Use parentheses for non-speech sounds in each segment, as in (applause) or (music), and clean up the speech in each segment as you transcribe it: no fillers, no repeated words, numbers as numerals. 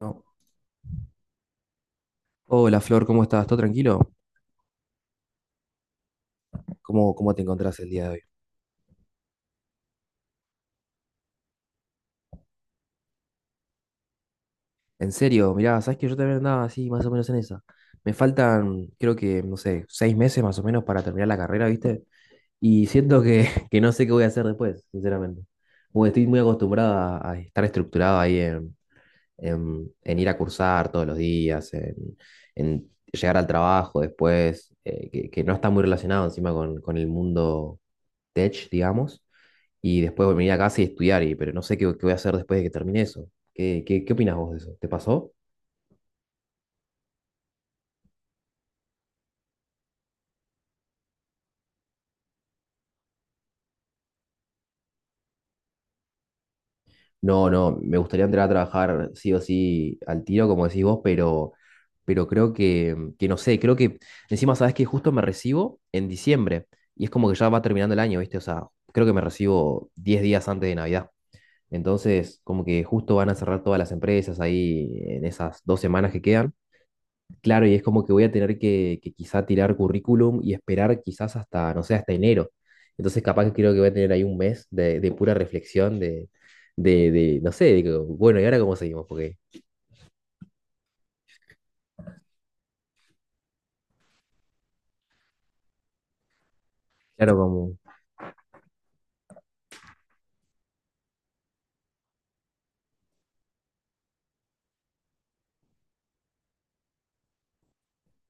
No. Hola Flor, ¿cómo estás? ¿Todo tranquilo? ¿Cómo te encontrás el día de hoy? En serio, mirá, sabes que yo también andaba así, más o menos en esa. Me faltan, creo que, no sé, seis meses más o menos para terminar la carrera, ¿viste? Y siento que, (laughs) que no sé qué voy a hacer después, sinceramente. Porque estoy muy acostumbrada a estar estructurado ahí en, en ir a cursar todos los días, en llegar al trabajo después, que, no está muy relacionado encima con el mundo tech, digamos, y después venir a casa y estudiar, y, pero no sé qué, qué voy a hacer después de que termine eso. ¿Qué, qué, qué opinas vos de eso? ¿Te pasó? No, no, me gustaría entrar a trabajar sí o sí al tiro, como decís vos, pero creo que no sé, creo que encima sabes que justo me recibo en diciembre y es como que ya va terminando el año, ¿viste? O sea, creo que me recibo 10 días antes de Navidad. Entonces, como que justo van a cerrar todas las empresas ahí en esas dos semanas que quedan. Claro, y es como que voy a tener que quizá tirar currículum y esperar quizás hasta, no sé, hasta enero. Entonces capaz que creo que voy a tener ahí un mes de pura reflexión, de, no sé, de que, bueno, ¿y ahora cómo seguimos? Porque, claro, como...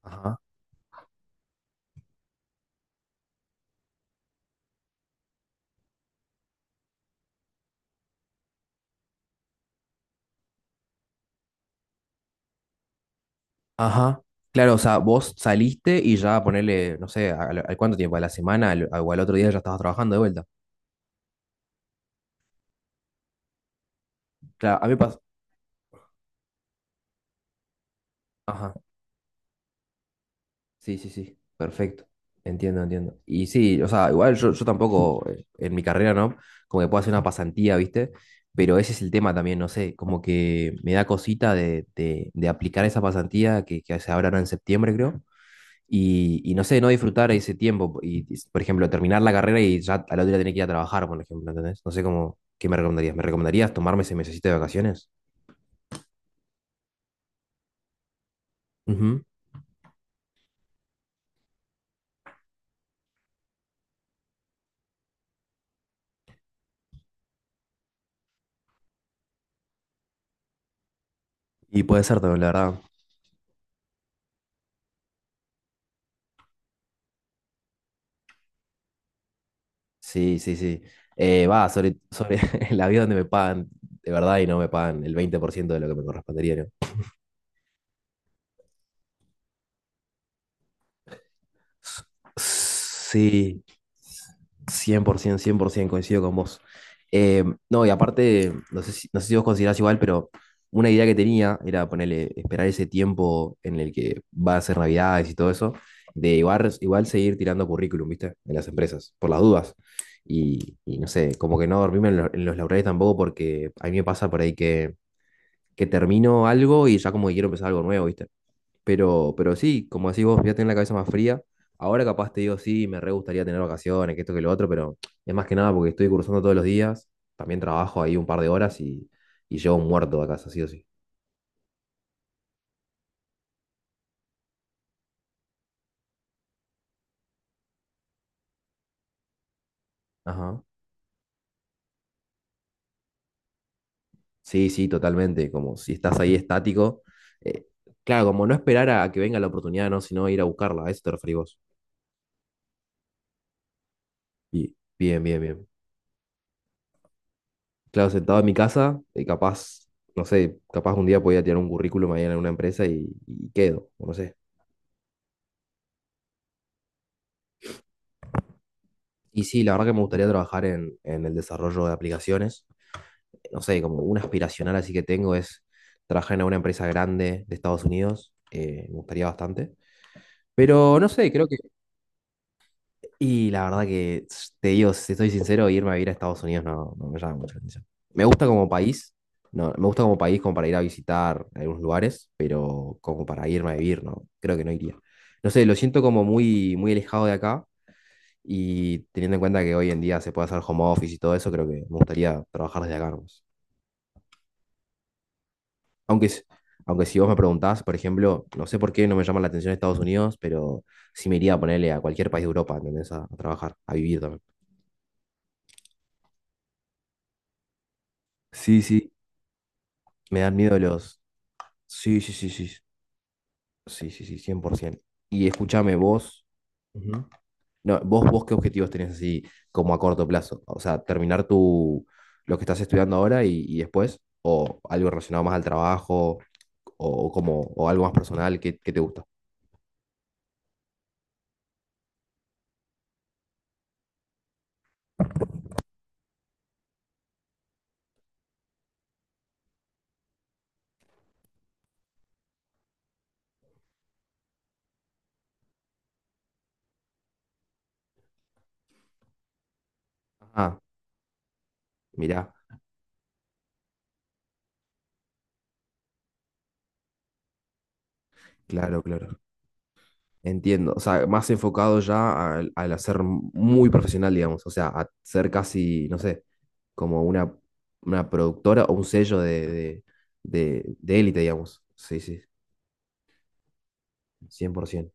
Ajá, ajá. Claro, o sea, vos saliste y ya ponerle, no sé, al, al cuánto tiempo, a la semana al- o al otro día ya estabas trabajando de vuelta. Claro, a mí pasa. Ajá. Sí, sí, sí, perfecto. Entiendo, entiendo. Y sí, o sea, igual yo, yo tampoco en mi carrera, ¿no? Como que puedo hacer una pasantía, ¿viste? Pero ese es el tema también, no sé, como que me da cosita de aplicar esa pasantía que se abrirá en septiembre, creo. Y no sé, no disfrutar ese tiempo. Y, por ejemplo, terminar la carrera y ya al otro día tener que ir a trabajar, por ejemplo, ¿entendés? No sé cómo, ¿qué me recomendarías? ¿Me recomendarías tomarme ese mesecito de vacaciones? Ujú. Y puede ser también, la verdad. Sí, sí, sí. Va, sobre, sobre (laughs) el avión donde me pagan, de verdad, y no me pagan el 20% de lo que me correspondería. ¿No? S- Sí, cien por 100% coincido con vos. Eh, no, y aparte, no sé si, no sé si vos considerás igual, pero una idea que tenía era ponerle, esperar ese tiempo en el que va a ser Navidades y todo eso, de igual, igual seguir tirando currículum, ¿viste? En las empresas, por las dudas. Y no sé, como que no dormirme en, lo- en los laureles tampoco, porque a mí me pasa por ahí que termino algo y ya como que quiero empezar algo nuevo, ¿viste? Pero sí, como decís vos, ya tenés la cabeza más fría. Ahora capaz te digo, sí, me re gustaría tener vacaciones, que esto, que lo otro, pero es más que nada porque estoy cursando todos los días, también trabajo ahí un par de horas y llego muerto a casa, sí o sí. Ajá. Sí, sí, totalmente, como si estás ahí estático. eh, claro, como no esperar a que venga la oportunidad, ¿no? Sino ir a buscarla, a eso te referís vos. Y, bien, bien, bien. Claro, sentado en mi casa, capaz, no sé, capaz un día podía tirar un currículum ahí en una empresa y quedo, o no sé. Y sí, la verdad que me gustaría trabajar en el desarrollo de aplicaciones. No sé, como un aspiracional así que tengo es trabajar en una empresa grande de Estados Unidos. Me gustaría bastante. Pero no sé, creo que... Y la verdad que, s- te digo, si soy sincero, irme a vivir a Estados Unidos no, no me llama mucho la atención. Me gusta como país, no, me gusta como país como para ir a visitar algunos lugares, pero como para irme a vivir, no, creo que no iría. No sé, lo siento como muy, muy alejado de acá. Y teniendo en cuenta que hoy en día se puede hacer home office y todo eso, creo que me gustaría trabajar desde acá. Nomás. Aunque, s- aunque si vos me preguntás, por ejemplo, no sé por qué no me llama la atención Estados Unidos, pero sí me iría a ponerle a cualquier país de Europa, ¿entendés? A trabajar, a vivir también. Sí, sí, me dan miedo los... Sí, sí, sí, sí, sí, sí, sí, 100%. Y escúchame vos, Ujú. No, vos, vos qué objetivos tenés así como a corto plazo? O sea, terminar tu, lo que estás estudiando ahora y después, o algo relacionado más al trabajo, o como o algo más personal que te gusta. Ah, mirá, claro, claro. Entiendo. O sea, más enfocado ya al, al hacer muy profesional, digamos. O sea, a ser casi, no sé, como una productora o un sello de élite, digamos. Sí, sí, 100%.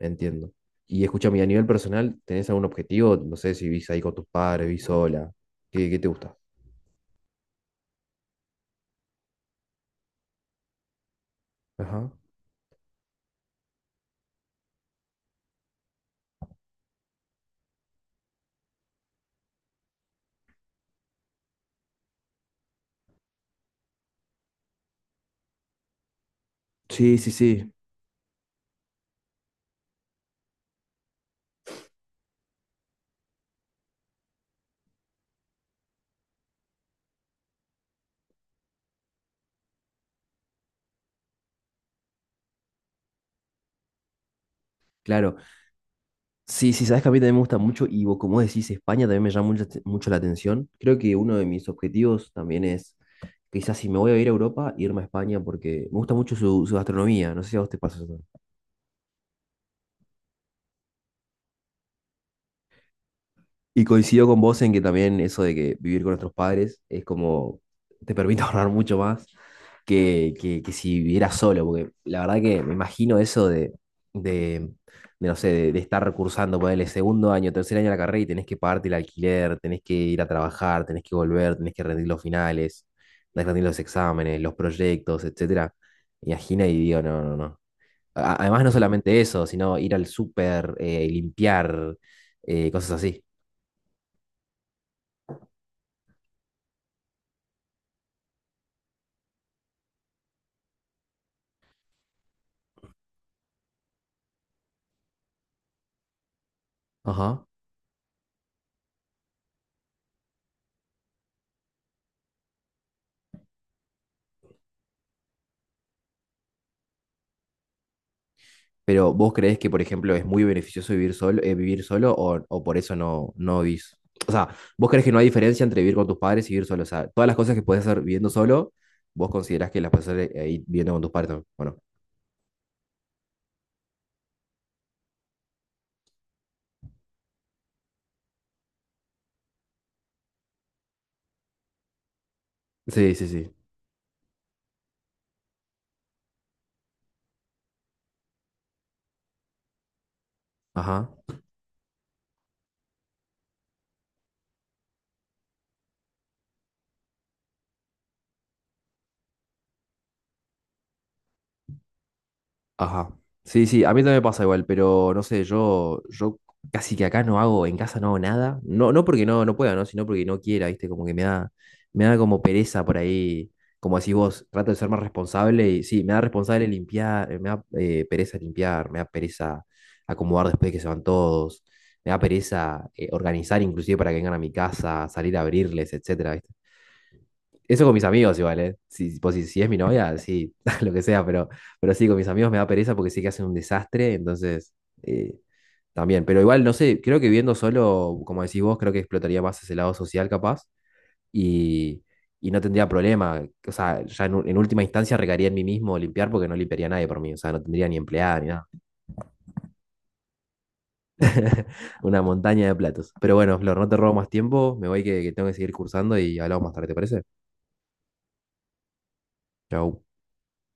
Entiendo. Y escúchame, y a nivel personal, ¿tenés algún objetivo? No sé si vivís ahí con tus padres, vivís sola. ¿Qué, qué te gusta? Ajá. Sí, sí, sí, claro. Sí, sí, sabes que a mí también me gusta mucho y vos, como decís, España también me llama mucho, mucho la atención. Creo que uno de mis objetivos también es, quizás si me voy a ir a Europa, irme a España porque me gusta mucho su, su gastronomía. No sé si a vos te pasa eso. Y coincido con vos en que también eso de que vivir con nuestros padres es como, te permite (laughs) ahorrar mucho más que si vivieras solo, porque la verdad que me imagino eso de, de, no sé, de estar cursando, ponerle segundo año, tercer año de la carrera y tenés que pagarte el alquiler, tenés que ir a trabajar, tenés que volver, tenés que rendir los finales, tenés que rendir los exámenes, los proyectos, etcétera. Me Imagino y digo, no, no, no. A- Además, no solamente eso, sino ir al súper, limpiar, cosas así. Ajá. Pero ¿vos creés que, por ejemplo, es muy beneficioso vivir solo o por eso no, no vivís? O sea, ¿vos creés que no hay diferencia entre vivir con tus padres y vivir solo? O sea, todas las cosas que puedes hacer viviendo solo, vos considerás que las puedes hacer ahí viviendo con tus padres también, ¿o no? Sí, sí, sí. Ajá. Ajá. Sí, sí, a mí también me pasa igual, pero no sé, yo casi que acá no hago, en casa no hago nada. No, no porque no, no pueda, ¿no? Sino porque no quiera, ¿viste? Como que me da como pereza por ahí. Como decís vos, trato de ser más responsable y sí, me da responsable limpiar, me da pereza limpiar, me da pereza acomodar después de que se van todos, me da pereza organizar inclusive para que vengan a mi casa, salir a abrirles, etcétera, ¿viste? Eso con mis amigos igual, ¿eh? Si, pues, si, si es mi novia, sí, (laughs) lo que sea, pero sí, con mis amigos me da pereza porque sí que hacen un desastre, entonces eh, también. Pero igual, no sé, creo que viendo solo, como decís vos, creo que explotaría más ese lado social capaz y, y no tendría problema. O sea, ya en, u- en última instancia recaería en mí mismo limpiar porque no limpiaría a nadie por mí, o sea, no tendría ni empleada ni nada. Una montaña de platos. Pero bueno, Flor, no te robo más tiempo, me voy que tengo que seguir cursando y hablamos más tarde, ¿te parece? Chau.